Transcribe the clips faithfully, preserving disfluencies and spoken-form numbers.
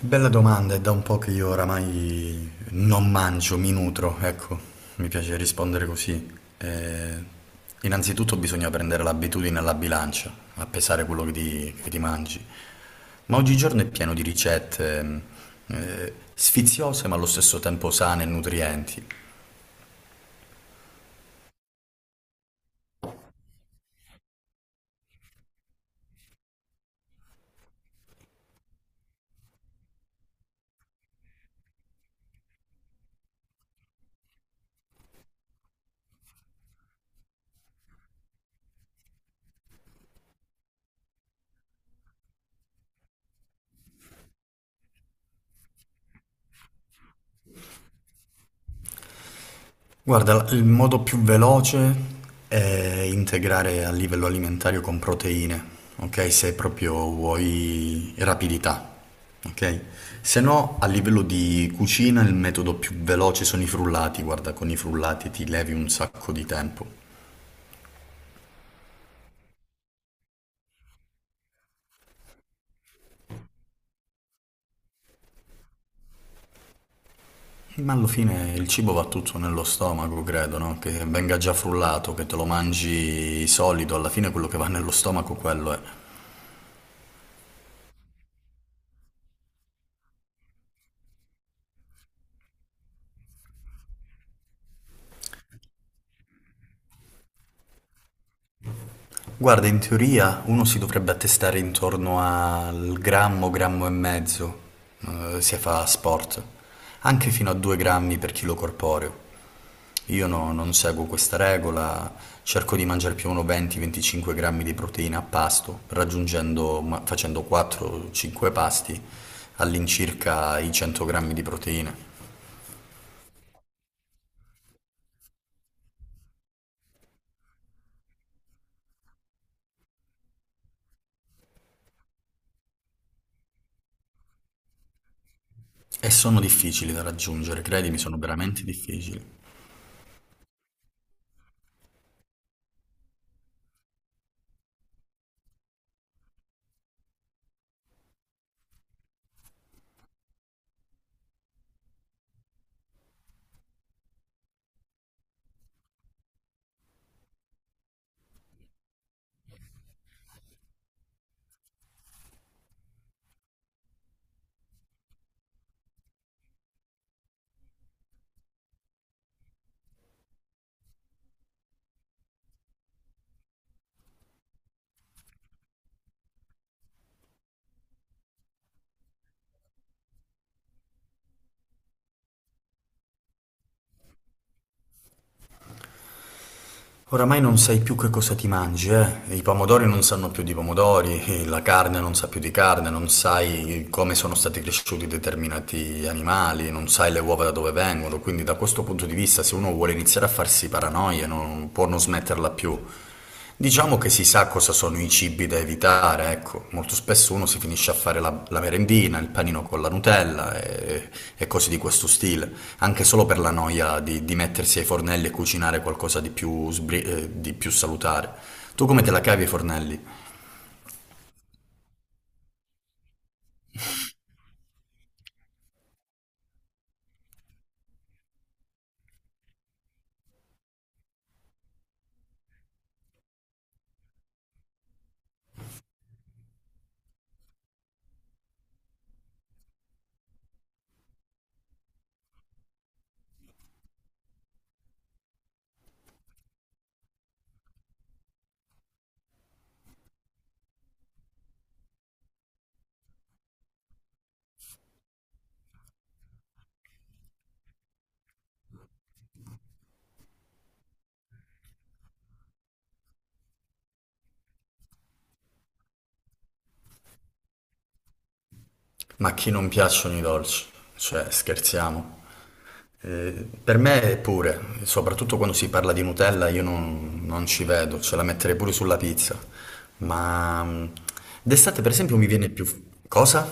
Bella domanda, è da un po' che io oramai non mangio, mi nutro, ecco, mi piace rispondere così. Eh, Innanzitutto bisogna prendere l'abitudine alla bilancia, a pesare quello che ti, che ti mangi. Ma oggigiorno è pieno di ricette, ehm, eh, sfiziose ma allo stesso tempo sane e nutrienti. Guarda, la- il modo più veloce è integrare a livello alimentare con proteine, ok? Se proprio vuoi rapidità, ok? Se no, a livello di cucina il metodo più veloce sono i frullati, guarda, con i frullati ti levi un sacco di tempo. Ma alla fine il cibo va tutto nello stomaco, credo, no? Che venga già frullato, che te lo mangi solido, alla fine quello che va nello stomaco quello è. Guarda, in teoria uno si dovrebbe attestare intorno al grammo, grammo e mezzo, eh, se fa sport, anche fino a due grammi per chilo corporeo. Io no- non seguo questa regola, cerco di mangiare più o meno venti venticinque grammi di proteina a pasto, raggiungendo, ma- facendo quattro cinque pasti, all'incirca i cento grammi di proteina. E sono difficili da raggiungere, credimi, sono veramente difficili. Oramai non sai più che cosa ti mangi, eh? I pomodori non sanno più di pomodori, la carne non sa più di carne, non sai come sono stati cresciuti determinati animali, non sai le uova da dove vengono, quindi da questo punto di vista se uno vuole iniziare a farsi paranoie non può non smetterla più. Diciamo che si sa cosa sono i cibi da evitare, ecco, molto spesso uno si finisce a fare la, la merendina, il panino con la Nutella e, e cose di questo stile, anche solo per la noia di, di mettersi ai fornelli e cucinare qualcosa di più, sbri- eh, di più salutare. Tu come te la cavi ai fornelli? Ma a chi non piacciono i dolci? Cioè, scherziamo. Eh, per me pure, soprattutto quando si parla di Nutella, io non, non ci vedo, ce la metterei pure sulla pizza. Ma mm, d'estate, per esempio, mi viene più... Cosa?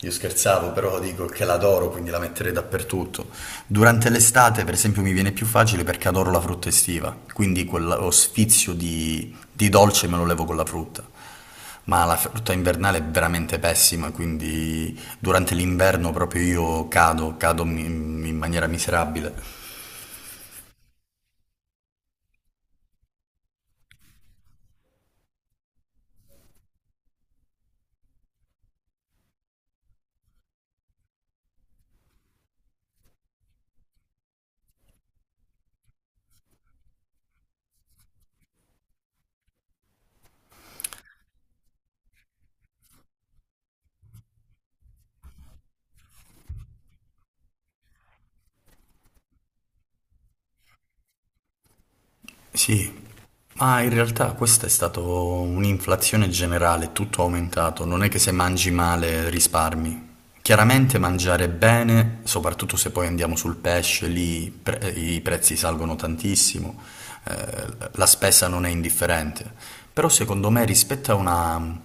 Io scherzavo, però dico che l'adoro, quindi la metterei dappertutto. Durante l'estate, per esempio, mi viene più facile perché adoro la frutta estiva, quindi quello sfizio di, di dolce me lo levo con la frutta. Ma la frutta invernale è veramente pessima, quindi durante l'inverno proprio io cado, cado mi- in maniera miserabile. Sì, ma in realtà questa è stata un'inflazione generale, tutto aumentato, non è che se mangi male risparmi. Chiaramente mangiare bene, soprattutto se poi andiamo sul pesce, lì pre- i prezzi salgono tantissimo, eh, la spesa non è indifferente, però secondo me rispetto a una,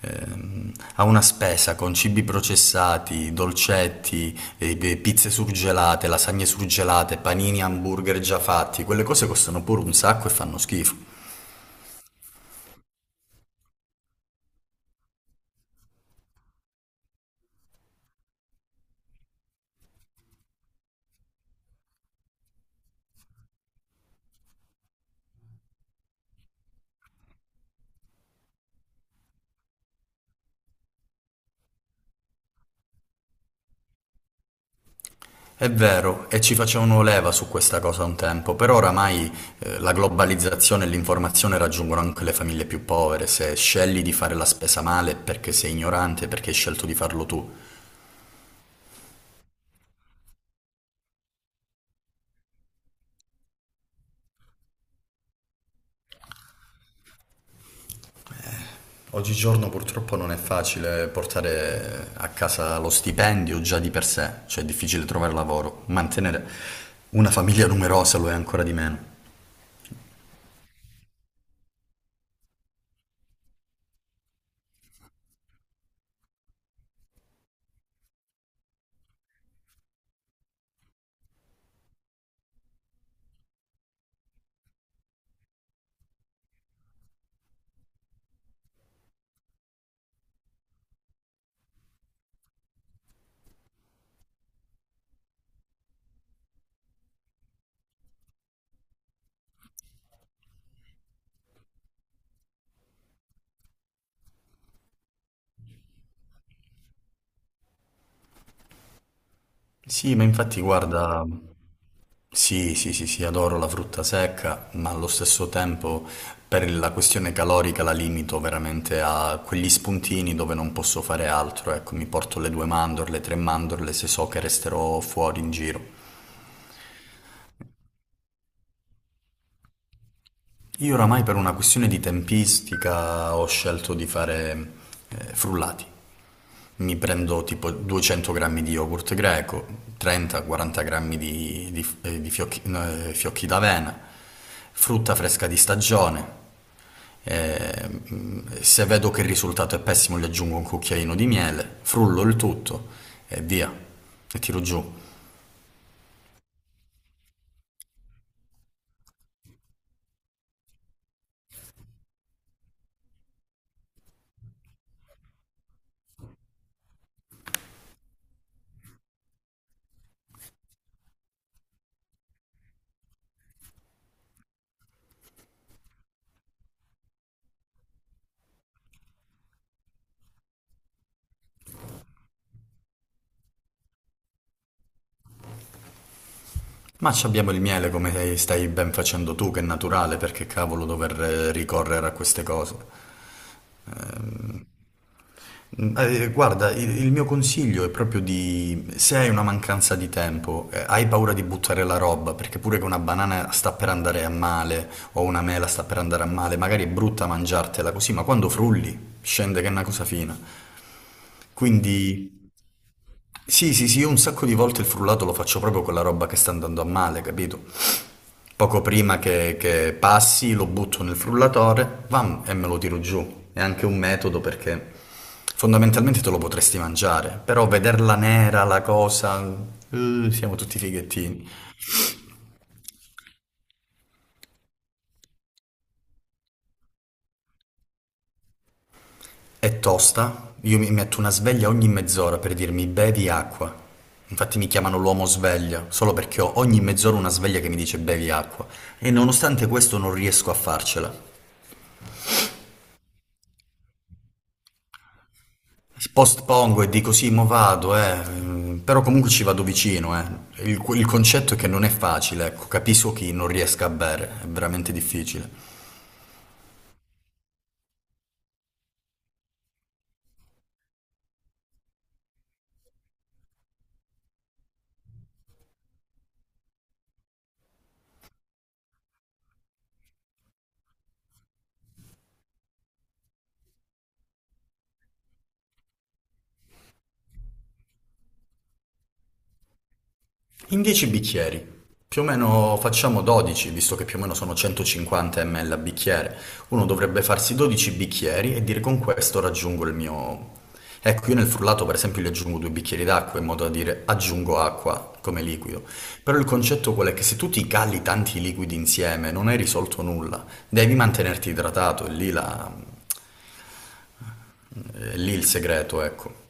ehm, a una spesa con cibi processati, dolcetti, e- e pizze surgelate, lasagne surgelate, panini, hamburger già fatti, quelle cose costano pure un sacco e fanno schifo. È vero, e ci facevano leva su questa cosa un tempo, però oramai eh, la globalizzazione e l'informazione raggiungono anche le famiglie più povere. Se scegli di fare la spesa male è perché sei ignorante, perché hai scelto di farlo tu. Oggigiorno purtroppo non è facile portare a casa lo stipendio già di per sé, cioè è difficile trovare lavoro. Mantenere una famiglia numerosa lo è ancora di meno. Sì, ma infatti guarda, sì, sì, sì, sì, adoro la frutta secca, ma allo stesso tempo per la questione calorica la limito veramente a quegli spuntini dove non posso fare altro, ecco, mi porto le due mandorle, tre mandorle se so che resterò fuori in giro. Io oramai per una questione di tempistica ho scelto di fare eh, frullati. Mi prendo tipo duecento grammi di yogurt greco, trenta o quaranta grammi di, di- eh, di fiocchi, no, eh, fiocchi d'avena, frutta fresca di stagione. Eh, mm, se vedo che il risultato è pessimo, gli aggiungo un cucchiaino di miele, frullo il tutto e via, e tiro giù. Ma ci abbiamo il miele come stai ben facendo tu, che è naturale, perché cavolo dover eh, ricorrere a queste cose. Ehm, Mm, eh, guarda, il, il mio consiglio è proprio di, se hai una mancanza di tempo, eh, hai paura di buttare la roba, perché pure che una banana sta per andare a male o una mela sta per andare a male, magari è brutta mangiartela così, ma quando frulli scende che è una cosa fina. Quindi sì, sì, sì, io un sacco di volte il frullato lo faccio proprio con la roba che sta andando a male, capito? Poco prima che, che passi lo butto nel frullatore, bam, e me lo tiro giù. È anche un metodo perché fondamentalmente te lo potresti mangiare, però vederla nera, la cosa, eh, siamo tutti fighettini. È tosta, io mi metto una sveglia ogni mezz'ora per dirmi bevi acqua. Infatti mi chiamano l'uomo sveglia, solo perché ho ogni mezz'ora una sveglia che mi dice bevi acqua. E nonostante questo non riesco a farcela. Postpongo e dico sì, mo vado, eh. Però comunque ci vado vicino, eh. Il, il concetto è che non è facile, ecco, capisco chi non riesca a bere, è veramente difficile. In dieci bicchieri, più o meno facciamo dodici, visto che più o meno sono centocinquanta millilitri a bicchiere. Uno dovrebbe farsi dodici bicchieri e dire con questo raggiungo il mio... Ecco, io nel frullato per esempio gli aggiungo due bicchieri d'acqua in modo da dire aggiungo acqua come liquido. Però il concetto qual è? Che se tu ti cali tanti liquidi insieme non hai risolto nulla, devi mantenerti idratato, è lì, la- è lì il segreto, ecco.